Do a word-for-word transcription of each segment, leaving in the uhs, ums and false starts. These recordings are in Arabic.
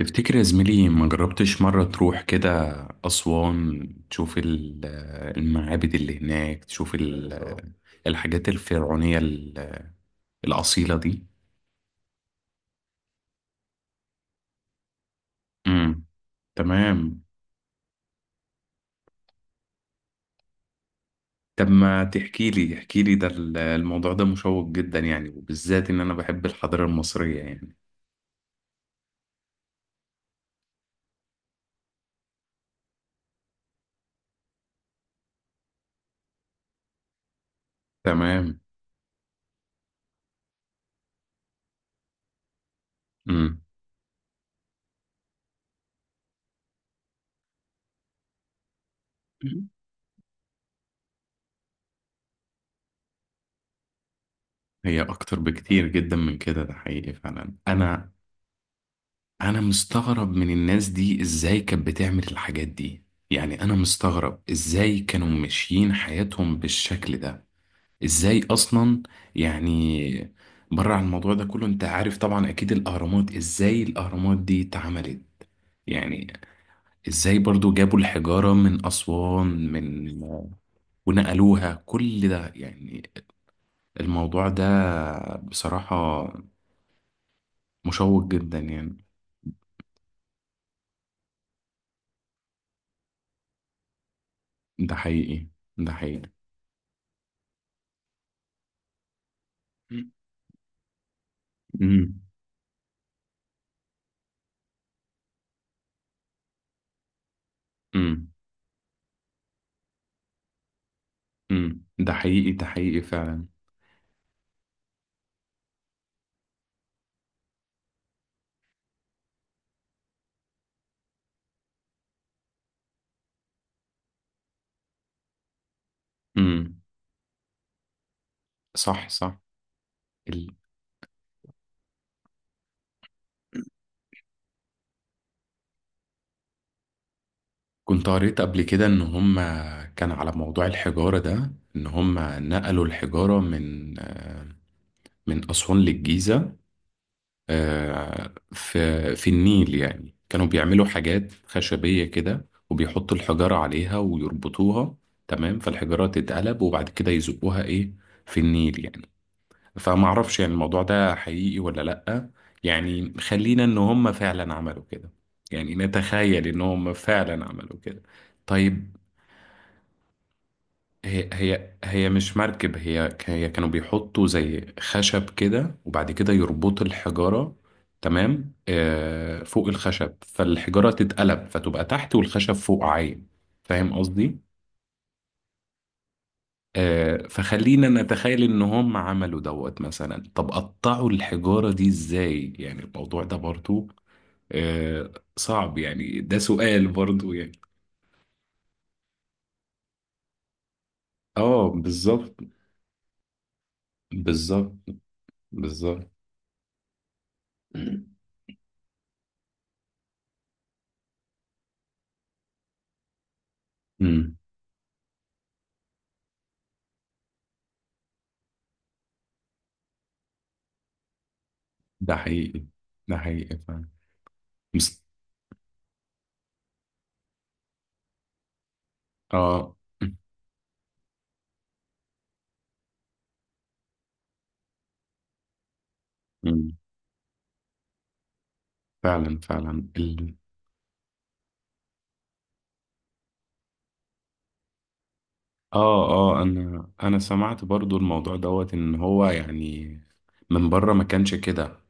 تفتكر يا زميلي ما جربتش مرة تروح كده أسوان تشوف ال- المعابد اللي هناك تشوف ال- الحاجات الفرعونية ال- الأصيلة دي. امم تمام. طب ما تحكي لي احكي لي ده ال- الموضوع ده مشوق جدا يعني، وبالذات إن أنا بحب الحضارة المصرية يعني. تمام. امم. هي أكتر بكتير جدا من كده، ده حقيقي فعلا. أنا انا مستغرب من الناس دي ازاي كانت بتعمل الحاجات دي. يعني انا مستغرب ازاي كانوا ماشيين حياتهم بالشكل ده. ازاي اصلا يعني. بره عن الموضوع ده كله، انت عارف طبعا اكيد الاهرامات ازاي الاهرامات دي اتعملت يعني. ازاي برضو جابوا الحجارة من اسوان، من ونقلوها، كل ده يعني. الموضوع ده بصراحة مشوق جدا يعني. ده حقيقي. ده حقيقي. مم. امم. امم. ده حقيقي. ده حقيقي فعلا. امم. صح صح. ال... كنت قريت قبل كده ان هم، كان على موضوع الحجارة ده، ان هم نقلوا الحجارة من آه، من أسوان للجيزة. آه، في في النيل، يعني كانوا بيعملوا حاجات خشبية كده وبيحطوا الحجارة عليها ويربطوها. تمام، فالحجارة تتقلب وبعد كده يزقوها ايه في النيل يعني. فما اعرفش يعني الموضوع ده حقيقي ولا لأ. يعني خلينا ان هم فعلا عملوا كده، يعني نتخيل ان هم فعلا عملوا كده. طيب. هي هي هي مش مركب، هي ك- هي كانوا بيحطوا زي خشب كده وبعد كده يربطوا الحجارة. تمام، آه، فوق الخشب فالحجارة تتقلب فتبقى تحت والخشب فوق عايم. فاهم قصدي؟ آه، فخلينا نتخيل ان هم عملوا دوت مثلا. طب قطعوا الحجارة دي ازاي؟ يعني الموضوع ده برضو آه، صعب يعني، ده سؤال برضو يعني. اه بالظبط. بالظبط. بالظبط. أمم، ده حقيقي. ده حقيقي فعلا. مس- اه. أمم، فعلا فعلا. ال... اه اه. انا انا سمعت برضو الموضوع دوت، ان هو يعني من بره ما كانش كده.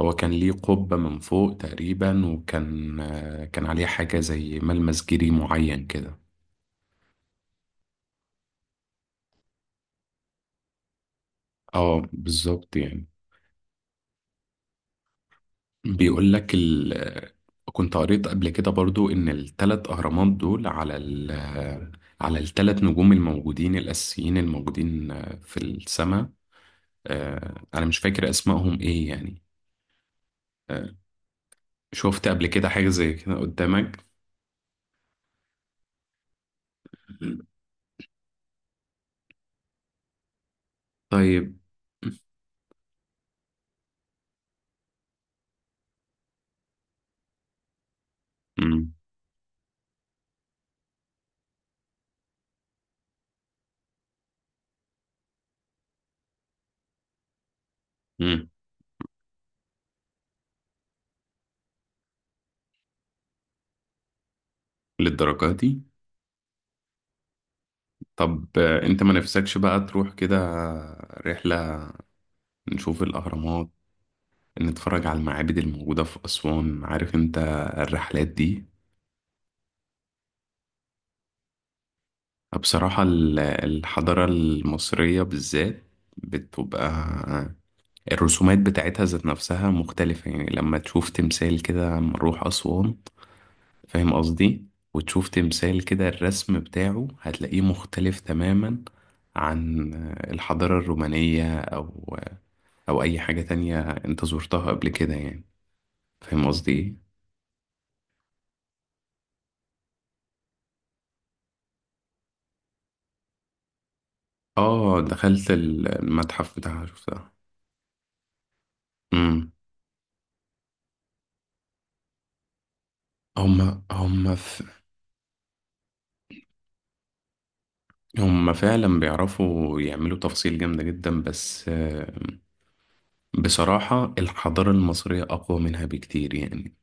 هو كان ليه قبة من فوق تقريبا، وكان آه، كان عليه حاجة زي ملمس جيري معين كده. اه بالظبط يعني. بيقول لك ال... آه، كنت قريت قبل كده برضو ان الثلاث اهرامات دول على ال... آه، على الثلاث نجوم الموجودين الاساسيين الموجودين آه، في السماء. آه، انا مش فاكر اسمائهم ايه يعني. آه، شفت قبل كده حاجة زي كده قدامك؟ طيب. مم. مم. للدرجة دي؟ طب آه، انت ما نفسكش بقى تروح كده رحلة، نشوف الأهرامات، نتفرج على المعابد الموجودة في أسوان، عارف انت الرحلات دي. بصراحة ال- الحضارة المصرية بالذات بتبقى الرسومات بتاعتها ذات نفسها مختلفة يعني. لما تشوف تمثال كده لما نروح أسوان، فاهم قصدي، وتشوف تمثال كده الرسم بتاعه هتلاقيه مختلف تماما عن الحضارة الرومانية أو او اي حاجة تانية انت زرتها قبل كده يعني. فاهم قصدي ايه. اه، دخلت ال- المتحف بتاعها، شفتها. امم. هما هما ف... هما فعلا بيعرفوا يعملوا تفاصيل جامدة جدا، بس آه، بصراحة الحضارة المصرية أقوى منها بكتير يعني.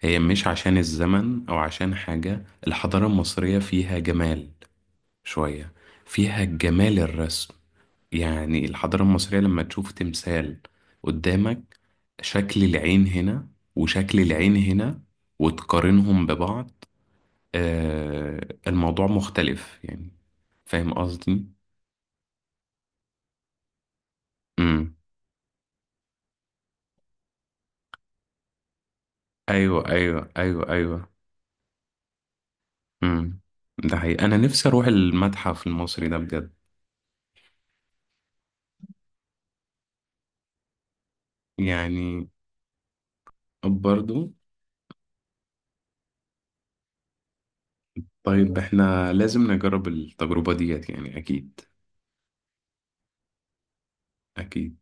هي مش عشان الزمن أو عشان حاجة، الحضارة المصرية فيها جمال شوية، فيها جمال الرسم يعني. الحضارة المصرية لما تشوف تمثال قدامك، شكل العين هنا وشكل العين هنا وتقارنهم ببعض، آه الموضوع مختلف يعني. فاهم قصدي؟ امم. ايوه ايوه ايوه ايوه. امم. ده حقيقي، انا نفسي اروح المتحف المصري ده بجد يعني. برضو. طيب احنا لازم نجرب التجربة ديت يعني اكيد. اكيد.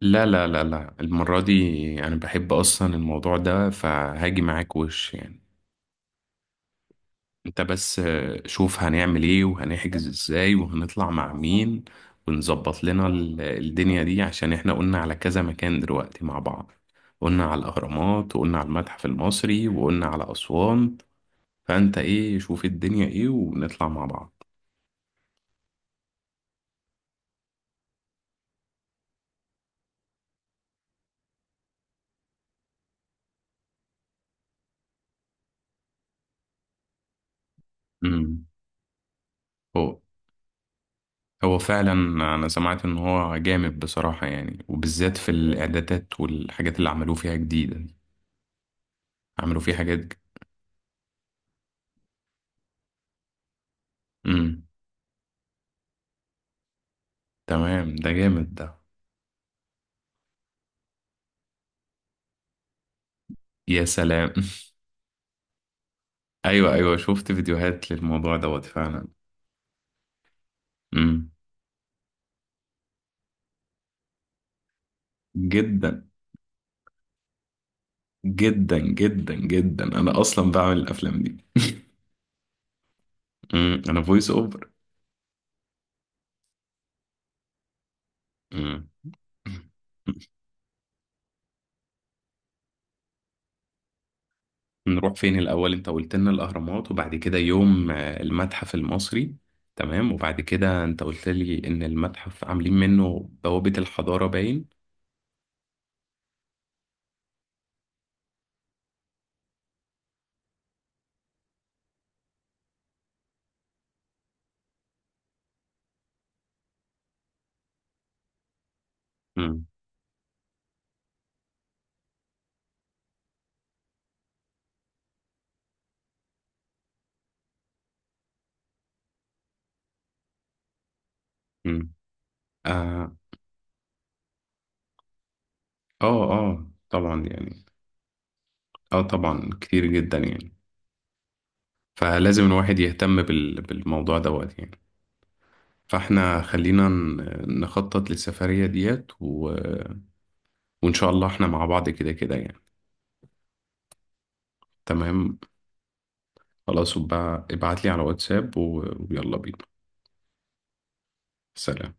لا لا لا لا، المرة دي أنا بحب أصلا الموضوع ده، فهاجي معاك وش يعني. أنت بس آه، شوف هنعمل إيه وهنحجز إزاي وهنطلع مع مين، ونظبط لنا ال- الدنيا دي، عشان إحنا قلنا على كذا مكان دلوقتي مع بعض. قلنا على الأهرامات وقلنا على المتحف المصري وقلنا على أسوان. فأنت إيه، شوف الدنيا إيه ونطلع مع بعض. امم. هو فعلا، انا سمعت ان هو جامد بصراحة يعني، وبالذات في الاعدادات والحاجات اللي عملوه فيها جديدة دي. عملوا فيها حاجات ج- امم. تمام، ده جامد ده. يا سلام. ايوه ايوه، شفت فيديوهات للموضوع دوت فعلا. امم. جدا جدا جدا جدا، انا اصلا بعمل الافلام دي. امم انا فويس اوفر. امم. نروح فين الأول؟ أنت قلت لنا الأهرامات وبعد كده يوم آه، المتحف المصري. تمام، وبعد كده أنت قلت لي إن المتحف عاملين منه بوابة الحضارة باين. مم. مم. آه. آه آه طبعا يعني. آه طبعا كتير جدا يعني. فلازم الواحد يهتم بال... بالموضوع دوت يعني. فاحنا خلينا ن- نخطط للسفرية ديت و... وإن شاء الله احنا مع بعض كده كده يعني. تمام، خلاص، وبقى ابعت لي على واتساب و... ويلا بينا. سلام.